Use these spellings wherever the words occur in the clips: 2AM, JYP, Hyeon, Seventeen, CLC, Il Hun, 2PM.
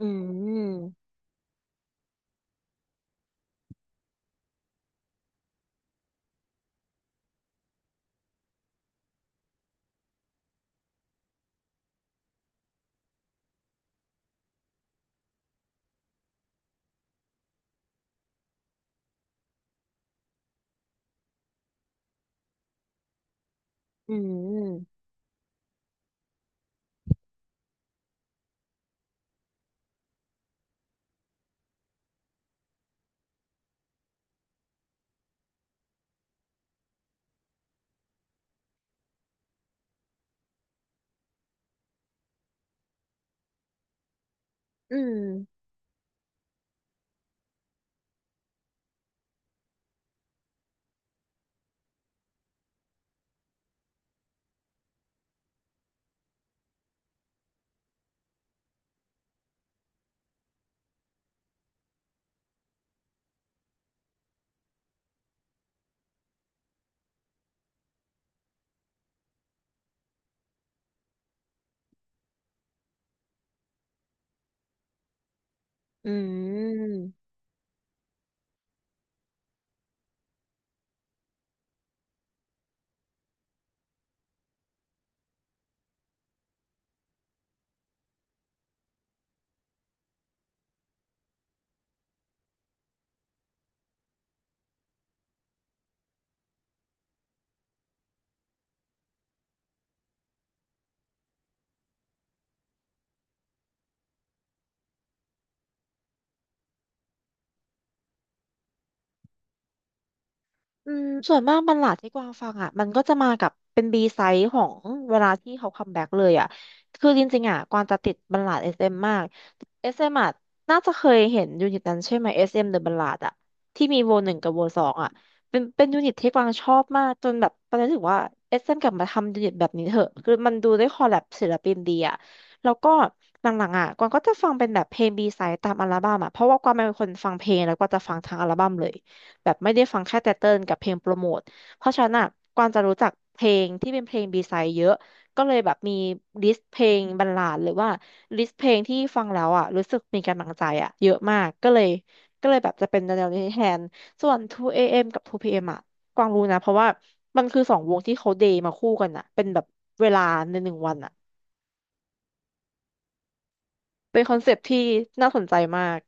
อืมอืมอืมอืมอืมอืม อืมส่วนมากบันหลาดที่กวางฟังอ่ะมันก็จะมากับเป็นบีไซด์ของเวลาที่เขาคัมแบ็กเลยอ่ะคือจริงๆอ่ะกวางจะติดบัลลาดเอสเอ็มมากเอสเอ็มอ่ะน่าจะเคยเห็นยูนิตนั้นใช่ไหมเอสเอ็มเดอะบัลลาดอ่ะที่มีโวหนึ่งกับโวสองอ่ะเป็นเป็นยูนิตที่กวางชอบมากจนแบบตอนนี้ถึงว่าเอสเอ็มกลับมาทำยูนิตแบบนี้เถอะคือมันดูได้คอลแลบศิลปินดีอ่ะแล้วก็หลังๆอ่ะกวางก็จะฟังเป็นแบบเพลงบีไซด์ตามอัลบั้มอ่ะเพราะว่ากวางเป็นคนฟังเพลงแล้วก็จะฟังทั้งอัลบั้มเลย แบบไม่ได้ฟังแค่แต่เติ้ลกับเพลงโปรโมทเพราะฉะนั้นอ่ะกวางจะรู้จักเพลงที่เป็นเพลงบีไซด์เยอะ ก็เลยแบบมีลิสต์เพลงบรรลาดหรือว่าลิสต์เพลงที่ฟังแล้วอ่ะรู้สึกมีกำลังใจอ่ะเยอะมากก็เลยแบบจะเป็นแนวนี้แทนส่วน2 AM กับ2 PM อมอ่ะกวางรู้นะเพราะว่ามันคือสองวงที่เขาเดย์มาคู่กันอ่ะเป็นแบบเวลาในหนึ่งวันอ่ะเป็นคอนเซปต์ที่น่าสนใจมาก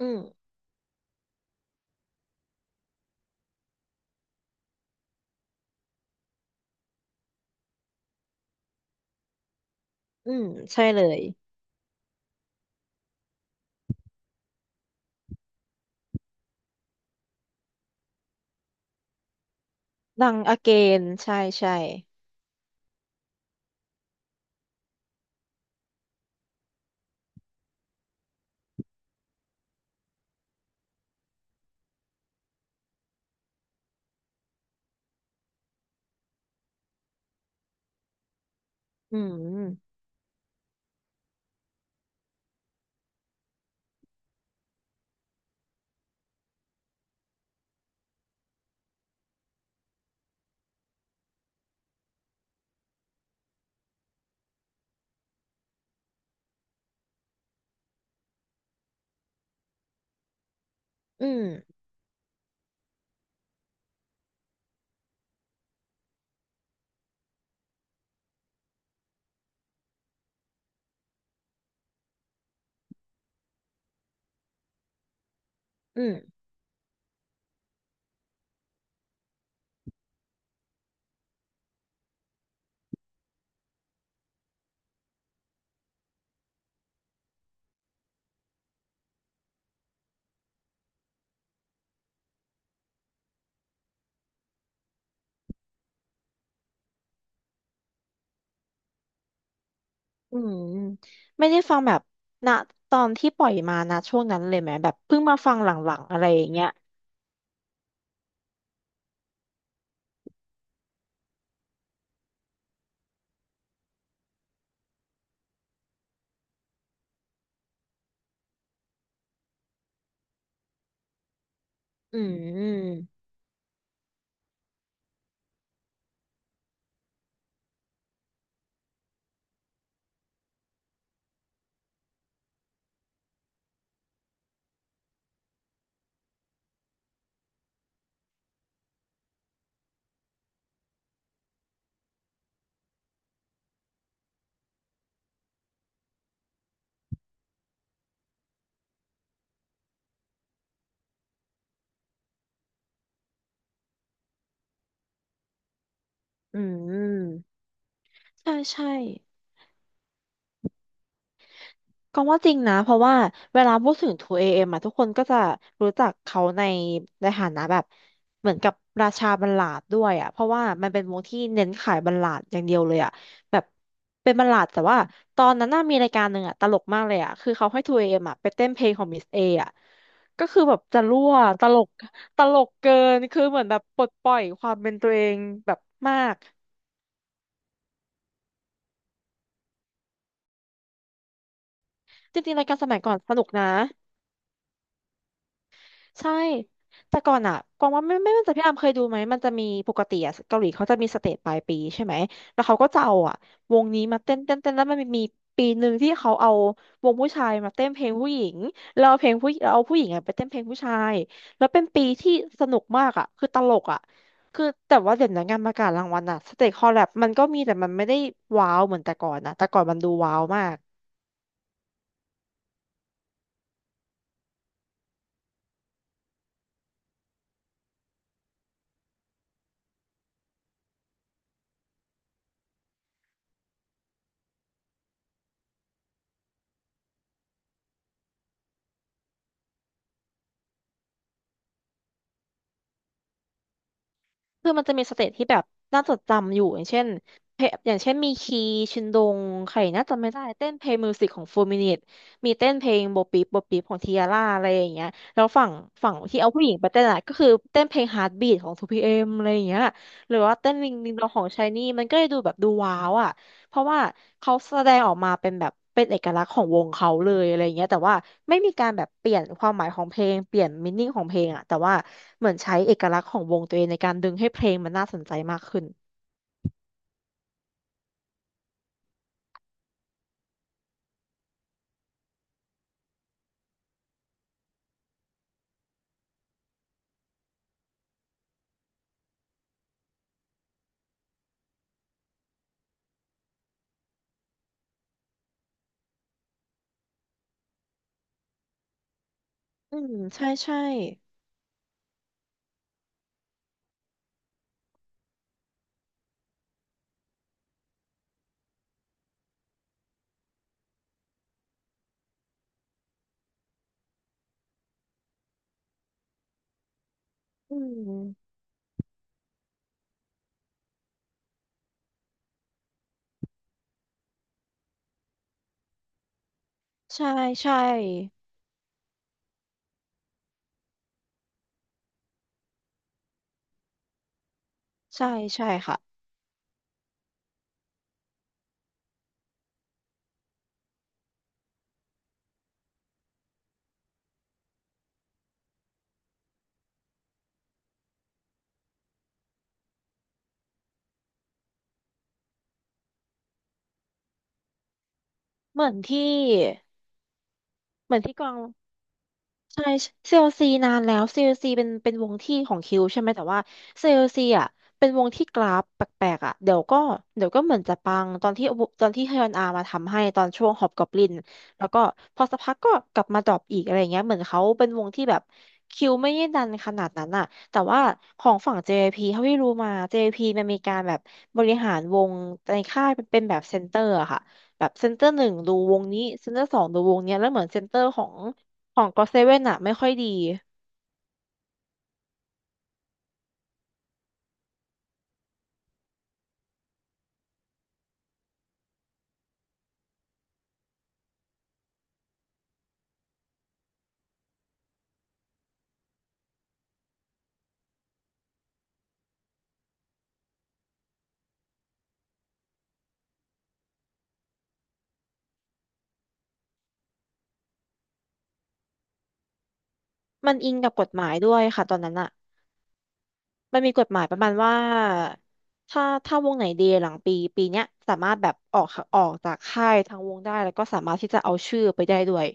อืมอืมใช่เลยดังอเกนใช่ใช่อืมอืม อืม อืม ไม่ได้ฟังแบบณตอนที่ปล่อยมานะช่วงนั้นเลยไหม แบบเพิ่งมาฟังหลังๆอะไรอย่างเงี้ยอืม อืมใช่ใช่ ก็ว่าจริงนะเพราะว่าเวลาพูดถึง 2AM อเอ็มอะทุกคนก็จะรู้จักเขาในฐานะแบบเหมือนกับราชาบัลลาดด้วยอะเพราะว่ามันเป็นวงที่เน้นขายบัลลาดอย่างเดียวเลยอะแบบเป็นบัลลาดแต่ว่าตอนนั้นน่ามีรายการหนึ่งอะตลกมากเลยอะคือเขาให้ 2AM อเอ็มอะไปเต้นเพลงของมิสเออะก็คือแบบจะรั่วตลกตลกเกินคือเหมือนแบบปลดปล่อยความเป็นตัวเองแบบมากจริงๆรายการสมัยก่อนสนุกนะ ใช่แต่ก่อนอ่ะกวางว่าไม่แน่ใจพี่อามเคยดูไหมมันจะมีปกติอ่ะเกาหลีเขาจะมีสเตจปลายปีใช่ไหมแล้วเขาก็จะเอาอ่ะวงนี้มาเต้นแล้วมันมีปีหนึ่งที่เขาเอาวงผู้ชายมาเต้นเพลงผู้หญิงแล้วเอาเพลงผู้แล้วเอาผู้หญิงอ่ะไปเต้นเพลงผู้ชายแล้วเป็นปีที่สนุกมากอ่ะคือตลกอ่ะคือแต่ว่าเดี๋ยวนี้งานประกาศรางวัลอ่ะสเตจคอลแลบมันก็มีแต่มันไม่ได้ว้าวเหมือนแต่ก่อนนะแต่ก่อนมันดูว้าวมาก คือมันจะมีสเตจที่แบบน่าจดจำอยู่อย่างเช่นเพลงอย่างเช่นมีคีชินดงใครน่าจะไม่ได้เต้นเพลงมิวสิกของโฟมินิตมีเต้นเพลงโบปีโบปีของทียาร่าอะไรอย่างเงี้ยแล้วฝั่งที่เอาผู้หญิงไปเต้นอะก็คือเต้นเพลงฮาร์ดบีทของทพ p เอมอะไรอย่างเงี้ยหรือว่าเต้นวิงวิงดองของชายนี่มันก็เลยดูแบบดูว้าวอ่ะ เพราะว่าเขาแสดงออกมาเป็นแบบเป็นเอกลักษณ์ของวงเขาเลยอะไรเงี้ยแต่ว่าไม่มีการแบบเปลี่ยนความหมายของเพลงเปลี่ยนมินนิ่งของเพลงอะแต่ว่าเหมือนใช้เอกลักษณ์ของวงตัวเองในการดึงให้เพลงมันน่าสนใจมากขึ้นอืมใช่ใช่อืมใช่ใช่ใช่ใช่ค่ะเหมือนที่เหมือนที่กวาง ใช่ CLC นานแล้ว CLC เป็นเป็นวงที่ของคิวใช่ไหมแต่ว่า CLC อลซีอ่ะเป็นวงที่กราฟแปลกๆอ่ะเดี๋ยวก็เหมือนจะปังตอนที่ฮยอนอามาทำให้ตอนช่วงฮอบกอบลินแล้วก็พอสักพักก็กลับมาดรอปอีกอะไรเงี้ยเหมือนเขาเป็นวงที่แบบคิวไม่ได้ดันขนาดนั้นอ่ะแต่ว่าของฝั่ง JYP เจพีเท่าที่รู้มา JYP มันมีการแบบบริหารวงในค่ายเป็นแบบเซนเตอร์อะค่ะแบบเซนเตอร์หนึ่งดูวงนี้เซนเตอร์สองดูวงเนี้ยแล้วเหมือนเซนเตอร์ของ ของก็เซเว่นอะไม่ค่อยดี มันอิงกับกฎหมายด้วยค่ะตอนนั้นอะมันมีกฎหมายประมาณว่าถ้าวงไหนเดย์หลังปีปีเนี้ยสามารถแบบออกออกจากค่ายทางวงได้แล้วก็สามารถที่จะเอาชื่อไปได้ด้วย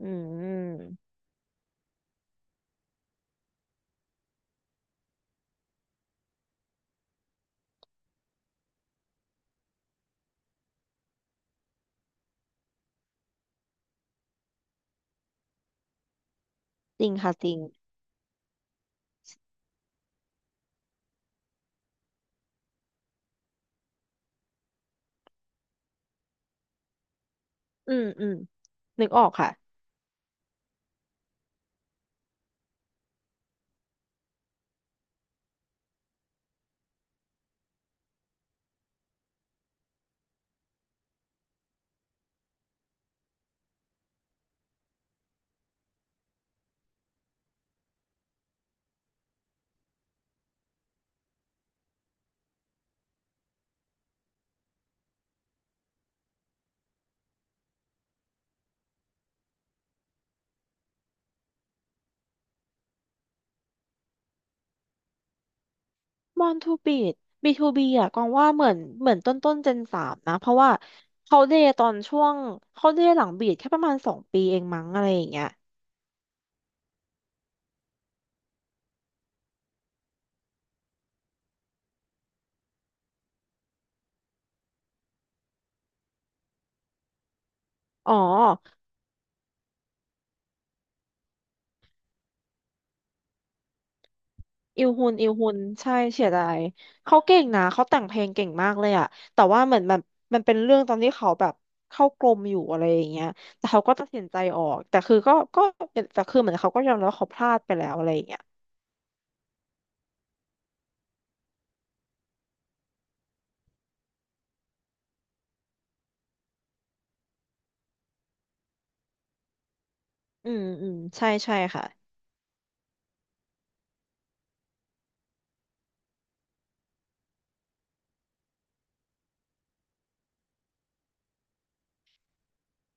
อืม จริงค่ะจริง อืมอืมนึกออกค่ะมอนทูบีดบีทูบีอะกองว่าเหมือนเหมือนต้นเจนสามนะ เพราะว่าเขาเดย์ตอนช่วงเขาเดย์หลังบีดแค่ประมาณสองปีเองมั้งอะไรอย่างเงี้ยอ๋อ อิลฮุนอิลฮุนใช่เสียดายเขาเก่งนะเขาแต่งเพลงเก่งมากเลยอะแต่ว่าเหมือนแบบมันเป็นเรื่องตอนที่เขาแบบเข้ากรมอยู่อะไรอย่างเงี้ยแต่เขาก็ตัดสินใจออกแต่คือก็แต่คือเหมือนเขาก็ยอมรับว่าเขาพลาดไปแล้วอะไรอย่างเงี้ยอืมอืมใช่ใช่ค่ะ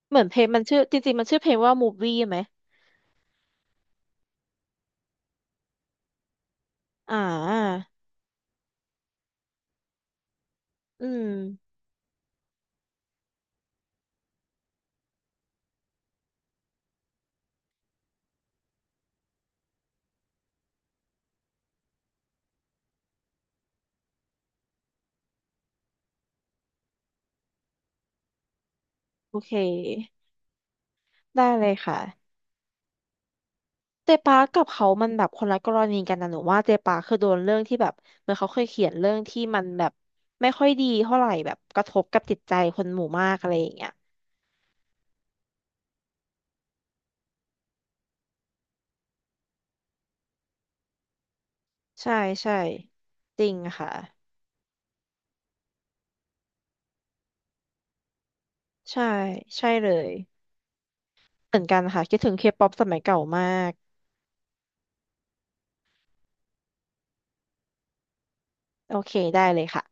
เหมือนเพลงมันชื่อจริงๆมันชื่อเพลงว่า m o v i ่ไหมอ่าอืมโอเคได้เลยค่ะ เจปากับเขามันแบบคนละกรณีกันนะหนูว่าเจปาคือโดนเรื่องที่แบบเหมือนเขาเคยเขียนเรื่องที่มันแบบไม่ค่อยดีเท่าไหร่แบบกระทบกับจิตใจคนหมู่มากอะไรอย่างเงี้ยใช่ใช่จริงค่ะใช่ใช่เลยเหมือนกันค่ะคิดถึงเคป๊อปสมัยเก่ามากโอเคได้เลยค่ะ